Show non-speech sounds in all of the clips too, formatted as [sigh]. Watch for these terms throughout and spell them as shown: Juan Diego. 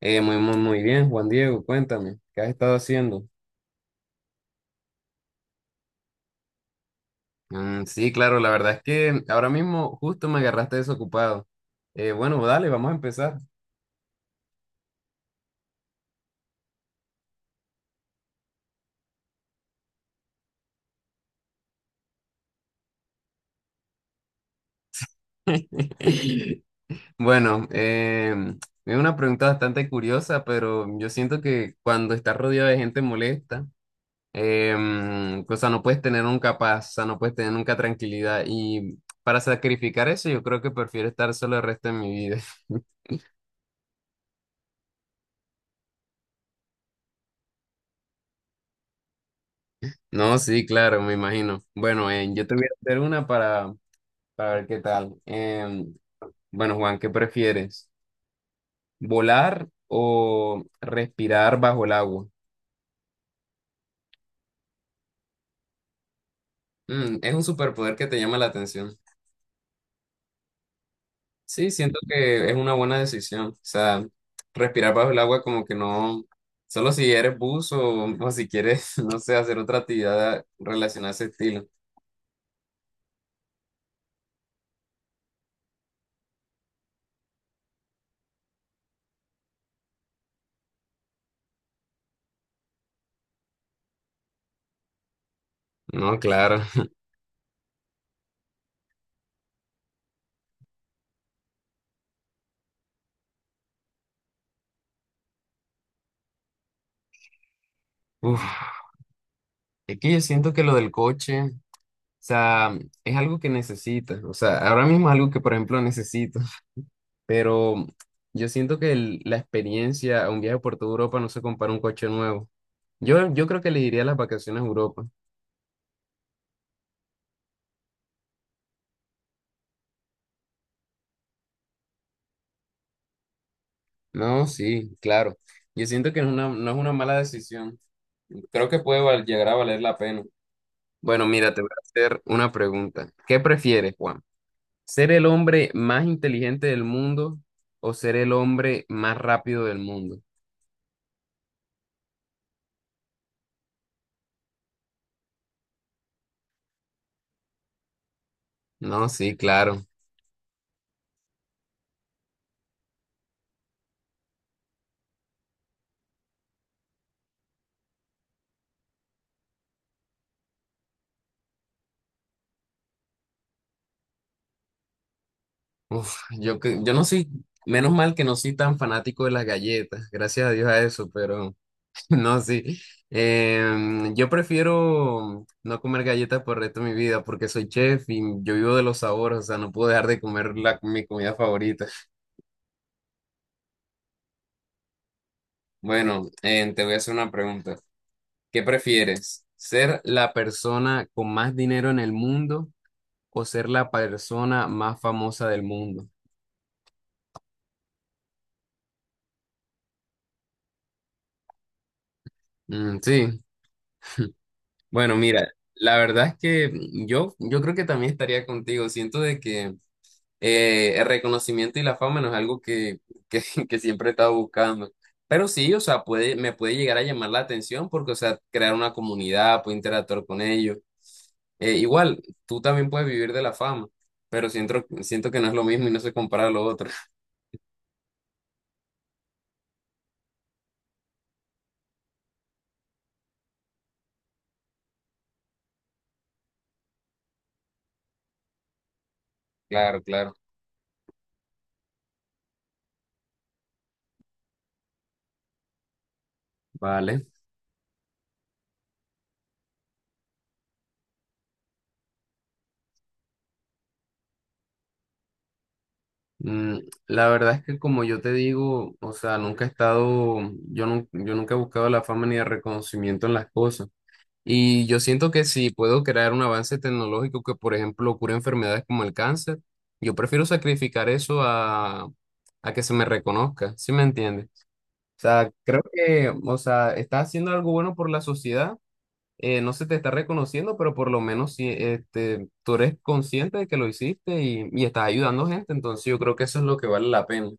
Muy, muy, muy bien, Juan Diego, cuéntame, ¿qué has estado haciendo? Mm, sí, claro, la verdad es que ahora mismo justo me agarraste desocupado. Bueno, dale, vamos a empezar. [laughs] Bueno, es una pregunta bastante curiosa, pero yo siento que cuando estás rodeado de gente molesta, o sea, no puedes tener nunca paz, o sea, no puedes tener nunca tranquilidad. Y para sacrificar eso, yo creo que prefiero estar solo el resto de mi vida. [laughs] No, sí, claro, me imagino. Bueno, yo te voy a hacer una para ver qué tal. Bueno, Juan, ¿qué prefieres? ¿Volar o respirar bajo el agua? Mm, es un superpoder que te llama la atención. Sí, siento que es una buena decisión. O sea, respirar bajo el agua como que no, solo si eres buzo o si quieres, [laughs] no sé, hacer otra actividad relacionada a ese estilo. No, claro. [laughs] Uf, es que yo siento que lo del coche, o sea, es algo que necesitas. O sea, ahora mismo es algo que, por ejemplo, necesito, pero yo siento que la experiencia a un viaje por toda Europa no se compara a un coche nuevo. Yo creo que le diría las vacaciones a Europa. No, sí, claro. Yo siento que es una, no es una mala decisión. Creo que puede llegar a valer la pena. Bueno, mira, te voy a hacer una pregunta. ¿Qué prefieres, Juan? ¿Ser el hombre más inteligente del mundo o ser el hombre más rápido del mundo? No, sí, claro. Uf, yo, yo no soy, menos mal que no soy tan fanático de las galletas, gracias a Dios a eso, pero [laughs] no, sí. Yo prefiero no comer galletas por el resto de mi vida porque soy chef y yo vivo de los sabores, o sea, no puedo dejar de comer la, mi comida favorita. Bueno, te voy a hacer una pregunta. ¿Qué prefieres? ¿Ser la persona con más dinero en el mundo o ser la persona más famosa del mundo? Mm, sí. Bueno, mira, la verdad es que yo creo que también estaría contigo. Siento de que el reconocimiento y la fama no es algo que, [laughs] que siempre he estado buscando. Pero sí, o sea, puede, me puede llegar a llamar la atención porque, o sea, crear una comunidad, puedo interactuar con ellos. Igual, tú también puedes vivir de la fama, pero siento que no es lo mismo y no se compara a lo otro. [laughs] Claro, claro. Vale. Mm, la verdad es que como yo te digo, o sea, nunca he estado, yo, yo nunca he buscado la fama ni el reconocimiento en las cosas. Y yo siento que si puedo crear un avance tecnológico que, por ejemplo, cure enfermedades como el cáncer, yo prefiero sacrificar eso a que se me reconozca, ¿sí me entiendes? O sea, creo que, o sea, estás haciendo algo bueno por la sociedad, no se te está reconociendo, pero por lo menos sí, este, tú eres consciente de que lo hiciste y estás ayudando gente, entonces yo creo que eso es lo que vale la pena.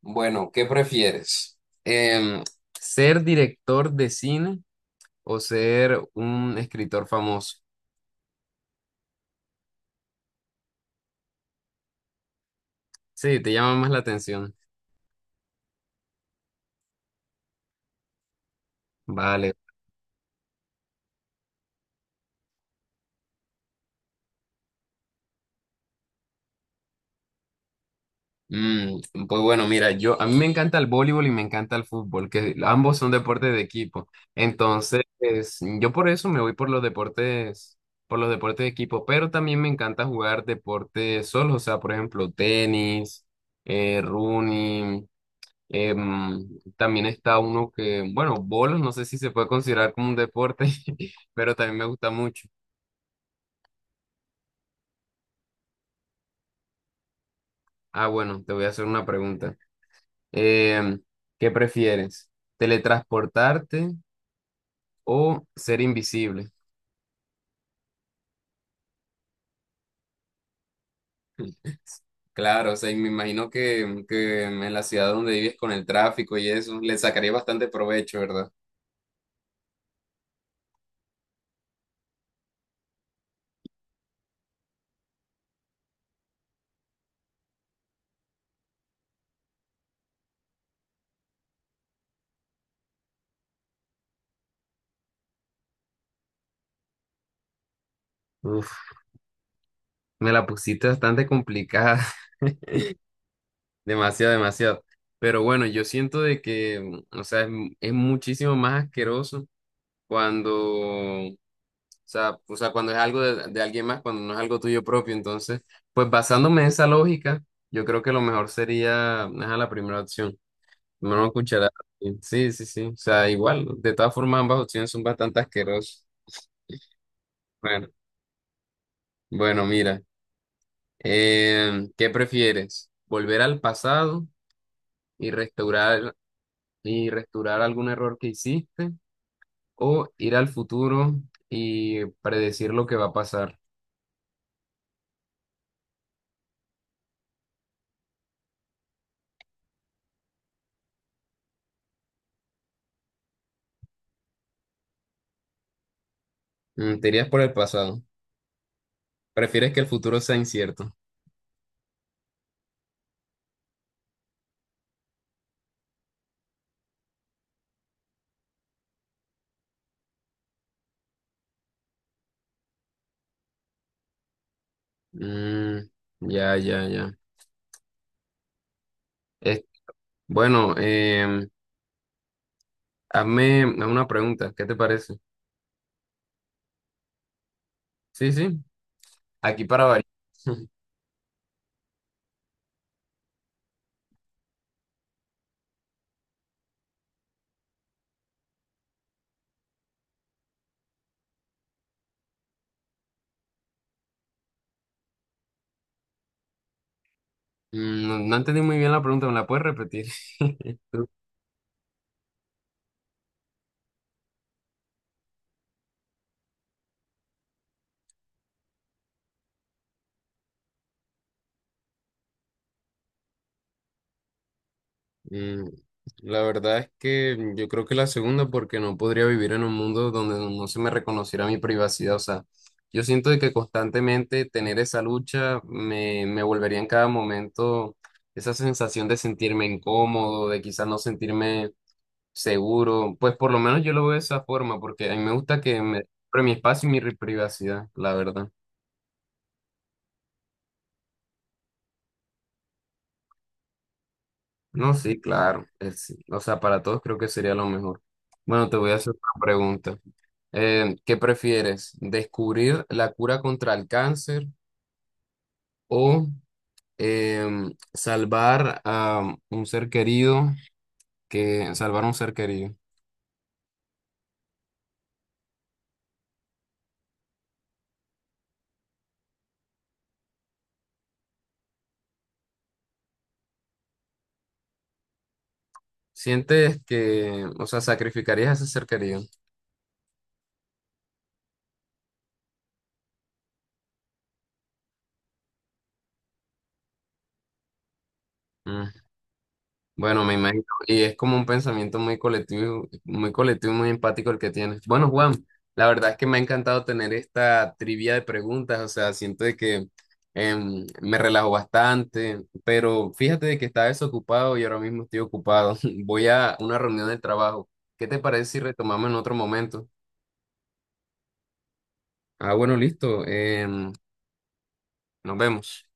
Bueno, ¿qué prefieres? Em, ¿Ser director de cine o ser un escritor famoso? Sí, te llama más la atención. Vale. Mm, pues bueno, mira, yo a mí me encanta el voleibol y me encanta el fútbol, que ambos son deportes de equipo. Entonces, pues, yo por eso me voy por los deportes de equipo, pero también me encanta jugar deportes solos, o sea, por ejemplo, tenis, running, también está uno que, bueno, bolos, no sé si se puede considerar como un deporte, [laughs] pero también me gusta mucho. Ah, bueno, te voy a hacer una pregunta. Em, ¿Qué prefieres? ¿Teletransportarte o ser invisible? Claro, o sea, y me imagino que en la ciudad donde vives con el tráfico y eso, le sacaría bastante provecho, ¿verdad? Uf, me la pusiste bastante complicada, [laughs] demasiado, demasiado. Pero bueno, yo siento de que, mm, o sea, es, es muchísimo más asqueroso cuando, o sea, cuando es algo de alguien más, cuando no es algo tuyo propio. Entonces, pues basándome en esa lógica, yo creo que lo mejor sería, a la primera opción. Una cucharada. Sí, sí, sí. O sea, igual. De todas formas, ambas opciones son bastante asquerosas. Bueno, bueno, mira, ¿qué prefieres? ¿Volver al pasado y restaurar algún error que hiciste? ¿O ir al futuro y predecir lo que va a pasar? Mm, te irías por el pasado. ¿Prefieres que el futuro sea incierto? Mm, ya, ya, ya. Es- bueno, hazme una pregunta. ¿Qué te parece? Sí, sí. Aquí para variar. [laughs] Mm, no, no entendí muy bien la pregunta, ¿me la puedes repetir? [laughs] Mm, la verdad es que yo creo que la segunda, porque no podría vivir en un mundo donde no se me reconociera mi privacidad. O sea, yo siento de que constantemente tener esa lucha me, me volvería en cada momento esa sensación de sentirme incómodo, de quizás no sentirme seguro. Pues por lo menos yo lo veo de esa forma, porque a mí me gusta que me... Pero mi espacio y mi privacidad, la verdad. No, sí, claro. O sea, para todos creo que sería lo mejor. Bueno, te voy a hacer una pregunta. ¿Qué prefieres? ¿Descubrir la cura contra el cáncer o salvar a un ser querido que salvar a un ser querido? ¿Sientes que, o sea, sacrificarías a ese ser querido? Bueno, me imagino. Y es como un pensamiento muy colectivo y muy empático el que tienes. Bueno, Juan, la verdad es que me ha encantado tener esta trivia de preguntas. O sea, siento de que me relajo bastante, pero fíjate de que estaba desocupado y ahora mismo estoy ocupado. [laughs] Voy a una reunión del trabajo. ¿Qué te parece si retomamos en otro momento? Ah, bueno, listo. Nos vemos.